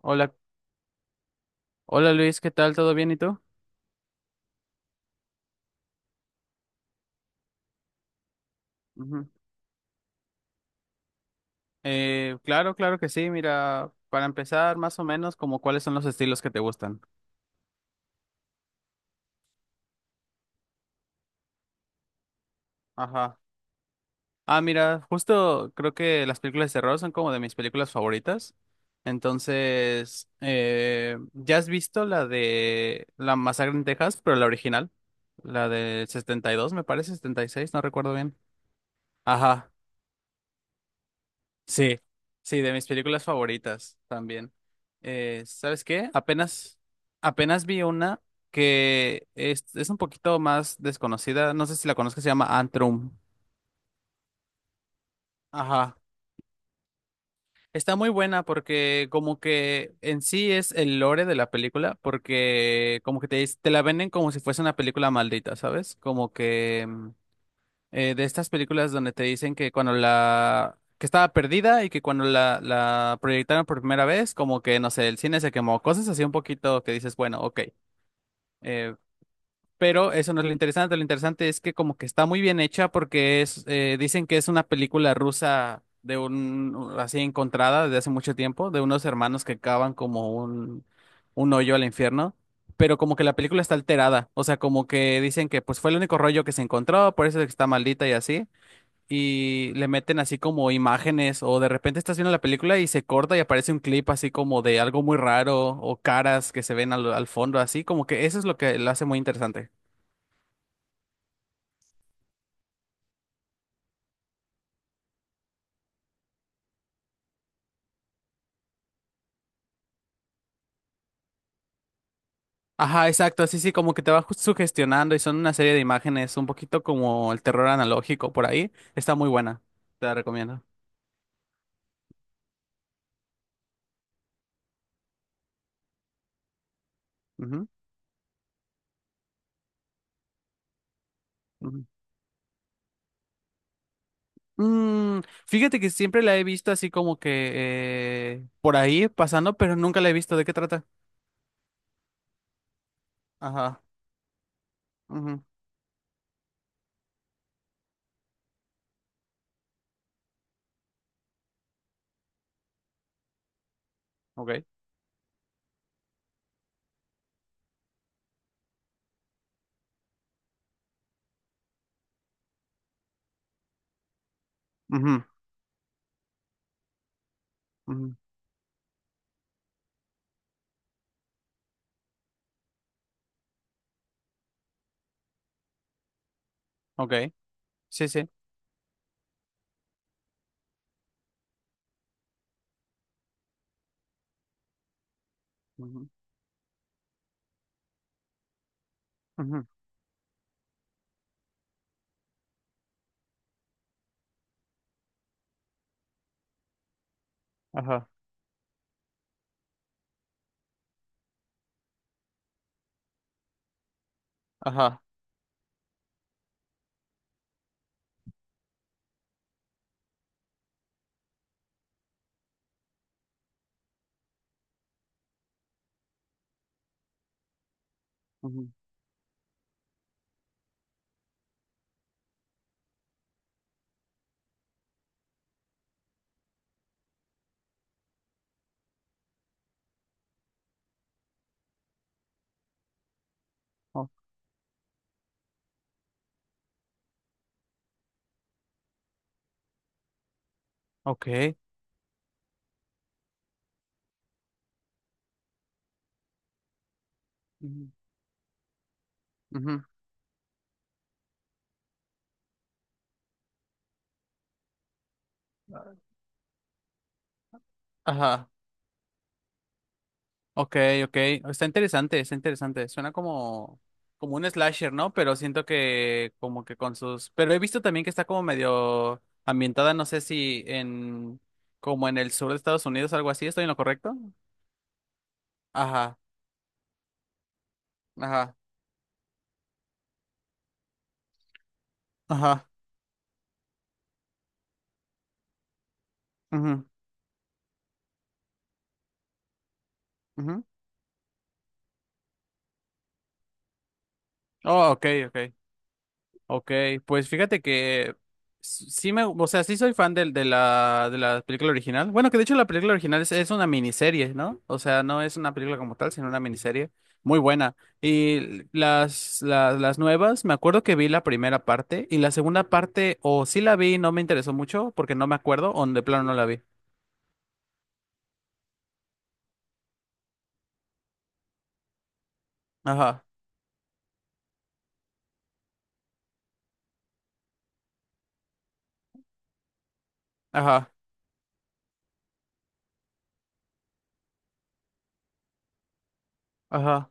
Hola, hola Luis, ¿qué tal? ¿Todo bien y tú? Ujú. Claro, claro que sí. Mira, para empezar, más o menos, como cuáles son los estilos que te gustan. Ajá. Ah, mira, justo creo que las películas de terror son como de mis películas favoritas. Entonces, ¿ya has visto la de La Masacre en Texas, pero la original? La del 72, me parece, 76, no recuerdo bien. Ajá. Sí, sí, de mis películas favoritas también. ¿Sabes qué? Apenas vi una que es un poquito más desconocida, no sé si la conozco, se llama Antrum. Ajá. Está muy buena porque como que en sí es el lore de la película, porque como que te la venden como si fuese una película maldita, ¿sabes? Como que de estas películas donde te dicen que cuando que estaba perdida y que cuando la proyectaron por primera vez, como que, no sé, el cine se quemó, cosas así un poquito que dices, bueno, ok, eh, pero eso no es lo interesante es que como que está muy bien hecha porque dicen que es una película rusa de un, así encontrada desde hace mucho tiempo, de unos hermanos que cavan como un hoyo al infierno, pero como que la película está alterada, o sea, como que dicen que pues fue el único rollo que se encontró, por eso es que está maldita y así, y le meten así como imágenes o de repente estás viendo la película y se corta y aparece un clip así como de algo muy raro o caras que se ven al fondo así, como que eso es lo que lo hace muy interesante. Ajá, exacto, sí, sí, como que te sugestionando y son una serie de imágenes, un poquito como el terror analógico por ahí, está muy buena, te la recomiendo. Ujú, ujú. Mm, fíjate que siempre la he visto así como que por ahí pasando, pero nunca la he visto. ¿De qué trata? Ajá. Ujú. Ok. Ujú, ujú. Ok. Sí, sí. Ujú, ujú. Ajá, ajá. Ujú. O- ok. Ujú, ujú. Ajá. Ok, ok. Está interesante, está interesante. Suena como, como un slasher, ¿no? Pero siento que como que con sus... Pero he visto también que está como medio ambientada, no sé si en... como en el sur de Estados Unidos, algo así. ¿Estoy en lo correcto? Ajá, ajá, ajá. Ujú, ujú. Oh, ok, ok. Ok, pues fíjate que sí me, o sea, sí soy fan de la película original. Bueno, que de hecho la película original es una miniserie, ¿no? O sea, no es una película como tal, sino una miniserie muy buena. Y las nuevas, me acuerdo que vi la primera parte y la segunda parte, o sí la vi, y no me interesó mucho porque no me acuerdo, o de plano no la vi. Ajá, ajá, ajá.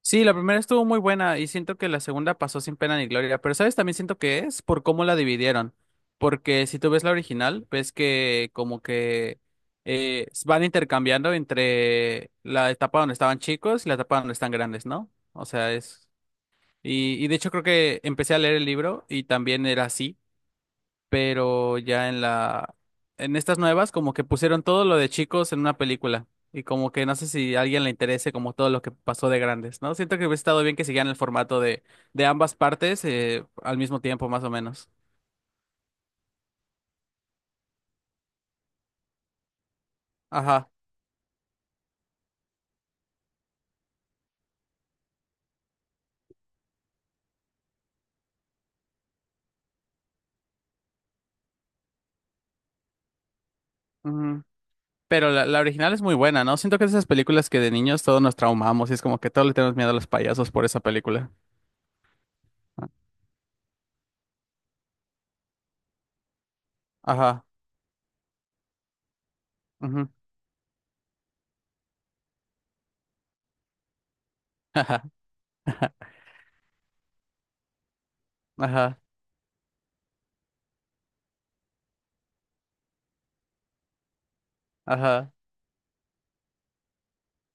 Sí, la primera estuvo muy buena y siento que la segunda pasó sin pena ni gloria, pero ¿sabes? También siento que es por cómo la dividieron, porque si tú ves la original, ves que como que van intercambiando entre la etapa donde estaban chicos y la etapa donde están grandes, ¿no? O sea, es... Y de hecho creo que empecé a leer el libro y también era así, pero ya en en estas nuevas como que pusieron todo lo de chicos en una película, y como que no sé si a alguien le interese como todo lo que pasó de grandes, ¿no? Siento que hubiera estado bien que siguieran el formato de ambas partes, al mismo tiempo más o menos. Ajá. Ujú. Pero la original es muy buena, ¿no? Siento que es esas películas que de niños todos nos traumamos y es como que todos le tenemos miedo a los payasos por esa película. Ajá. Ujú. Ajá. Ajá. Ajá.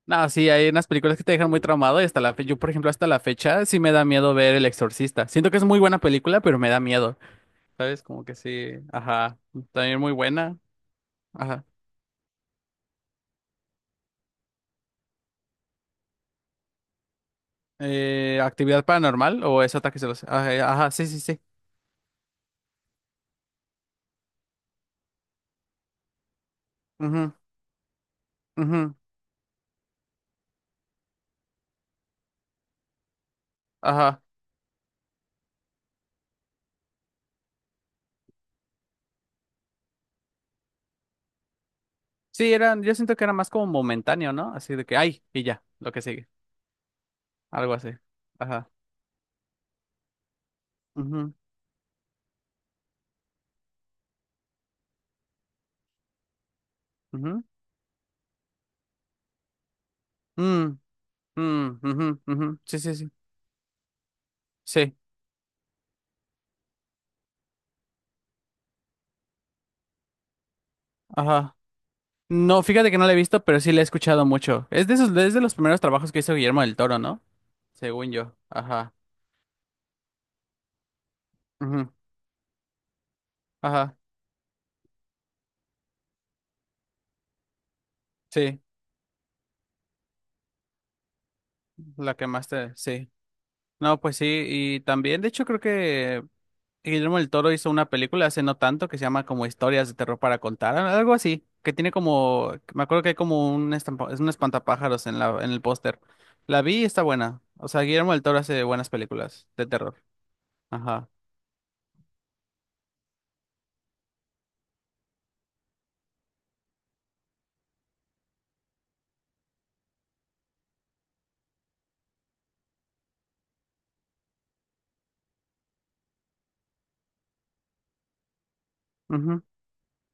No, sí, hay unas películas que te dejan muy traumado y hasta la fecha, yo por ejemplo hasta la fecha sí me da miedo ver El Exorcista. Siento que es muy buena película, pero me da miedo. ¿Sabes? Como que sí, ajá, también muy buena. Ajá. ¿Actividad paranormal o es ataque celoso? Ajá, ajá, sí, sí, sí. Ujú, ujú, ajá. Sí, eran, yo siento que era más como momentáneo, ¿no? Así de que, ay, y ya, lo que sigue, algo así. Ajá. Ujú, ujú. Mm, mm, ujú, ujú. Sí, sí, sí. Sí, ajá. No, fíjate que no la he visto, pero sí la he escuchado mucho. Es de esos, es de los primeros trabajos que hizo Guillermo del Toro, ¿no? Según yo. Ajá. Ujú. Ajá. Sí. La que más te. Sí. No, pues sí. Y también, de hecho, creo que Guillermo del Toro hizo una película hace no tanto que se llama como Historias de terror para contar, algo así. Que tiene como. Me acuerdo que hay como es un espantapájaros en en el póster. La vi y está buena. O sea, Guillermo del Toro hace buenas películas de terror. Ajá.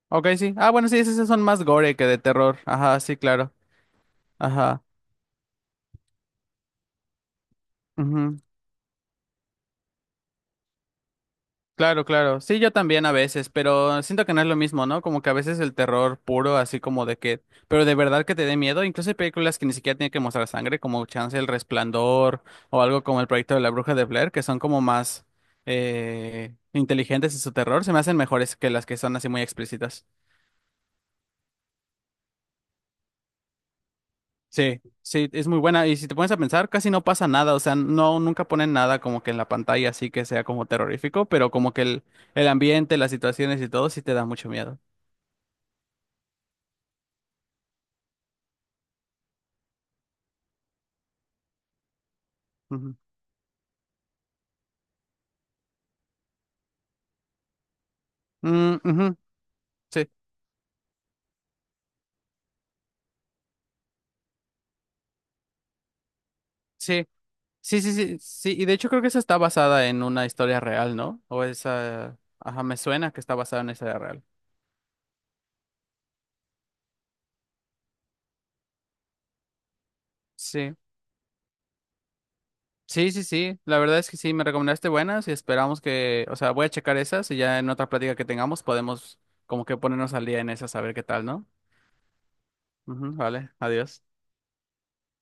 Ok, sí. Ah, bueno, sí, esos sí son más gore que de terror. Ajá, sí, claro. Ajá. Ujú. Claro, claro. Sí, yo también a veces, pero siento que no es lo mismo, ¿no? Como que a veces el terror puro, así como de que, pero de verdad que te dé miedo. Incluso hay películas que ni siquiera tienen que mostrar sangre, como Chance el Resplandor o algo como el proyecto de la Bruja de Blair, que son como más inteligentes en su terror. Se me hacen mejores que las que son así muy explícitas. Sí, sí, es muy buena. Y si te pones a pensar, casi no pasa nada. O sea, no, nunca ponen nada como que en la pantalla así que sea como terrorífico, pero como que el ambiente, las situaciones y todo sí te da mucho miedo. Ujú. Mm, ujú. Sí, sí, sí, sí, sí, sí. Y de hecho creo que esa está basada en una historia real, ¿no? O esa, ajá, me suena que está basada en esa historia real. Sí, sí, sí, sí. La verdad es que sí, me recomendaste buenas y esperamos que, o sea, voy a checar esas y ya en otra plática que tengamos podemos como que ponernos al día en esas a ver qué tal, ¿no? Ujú, vale, adiós.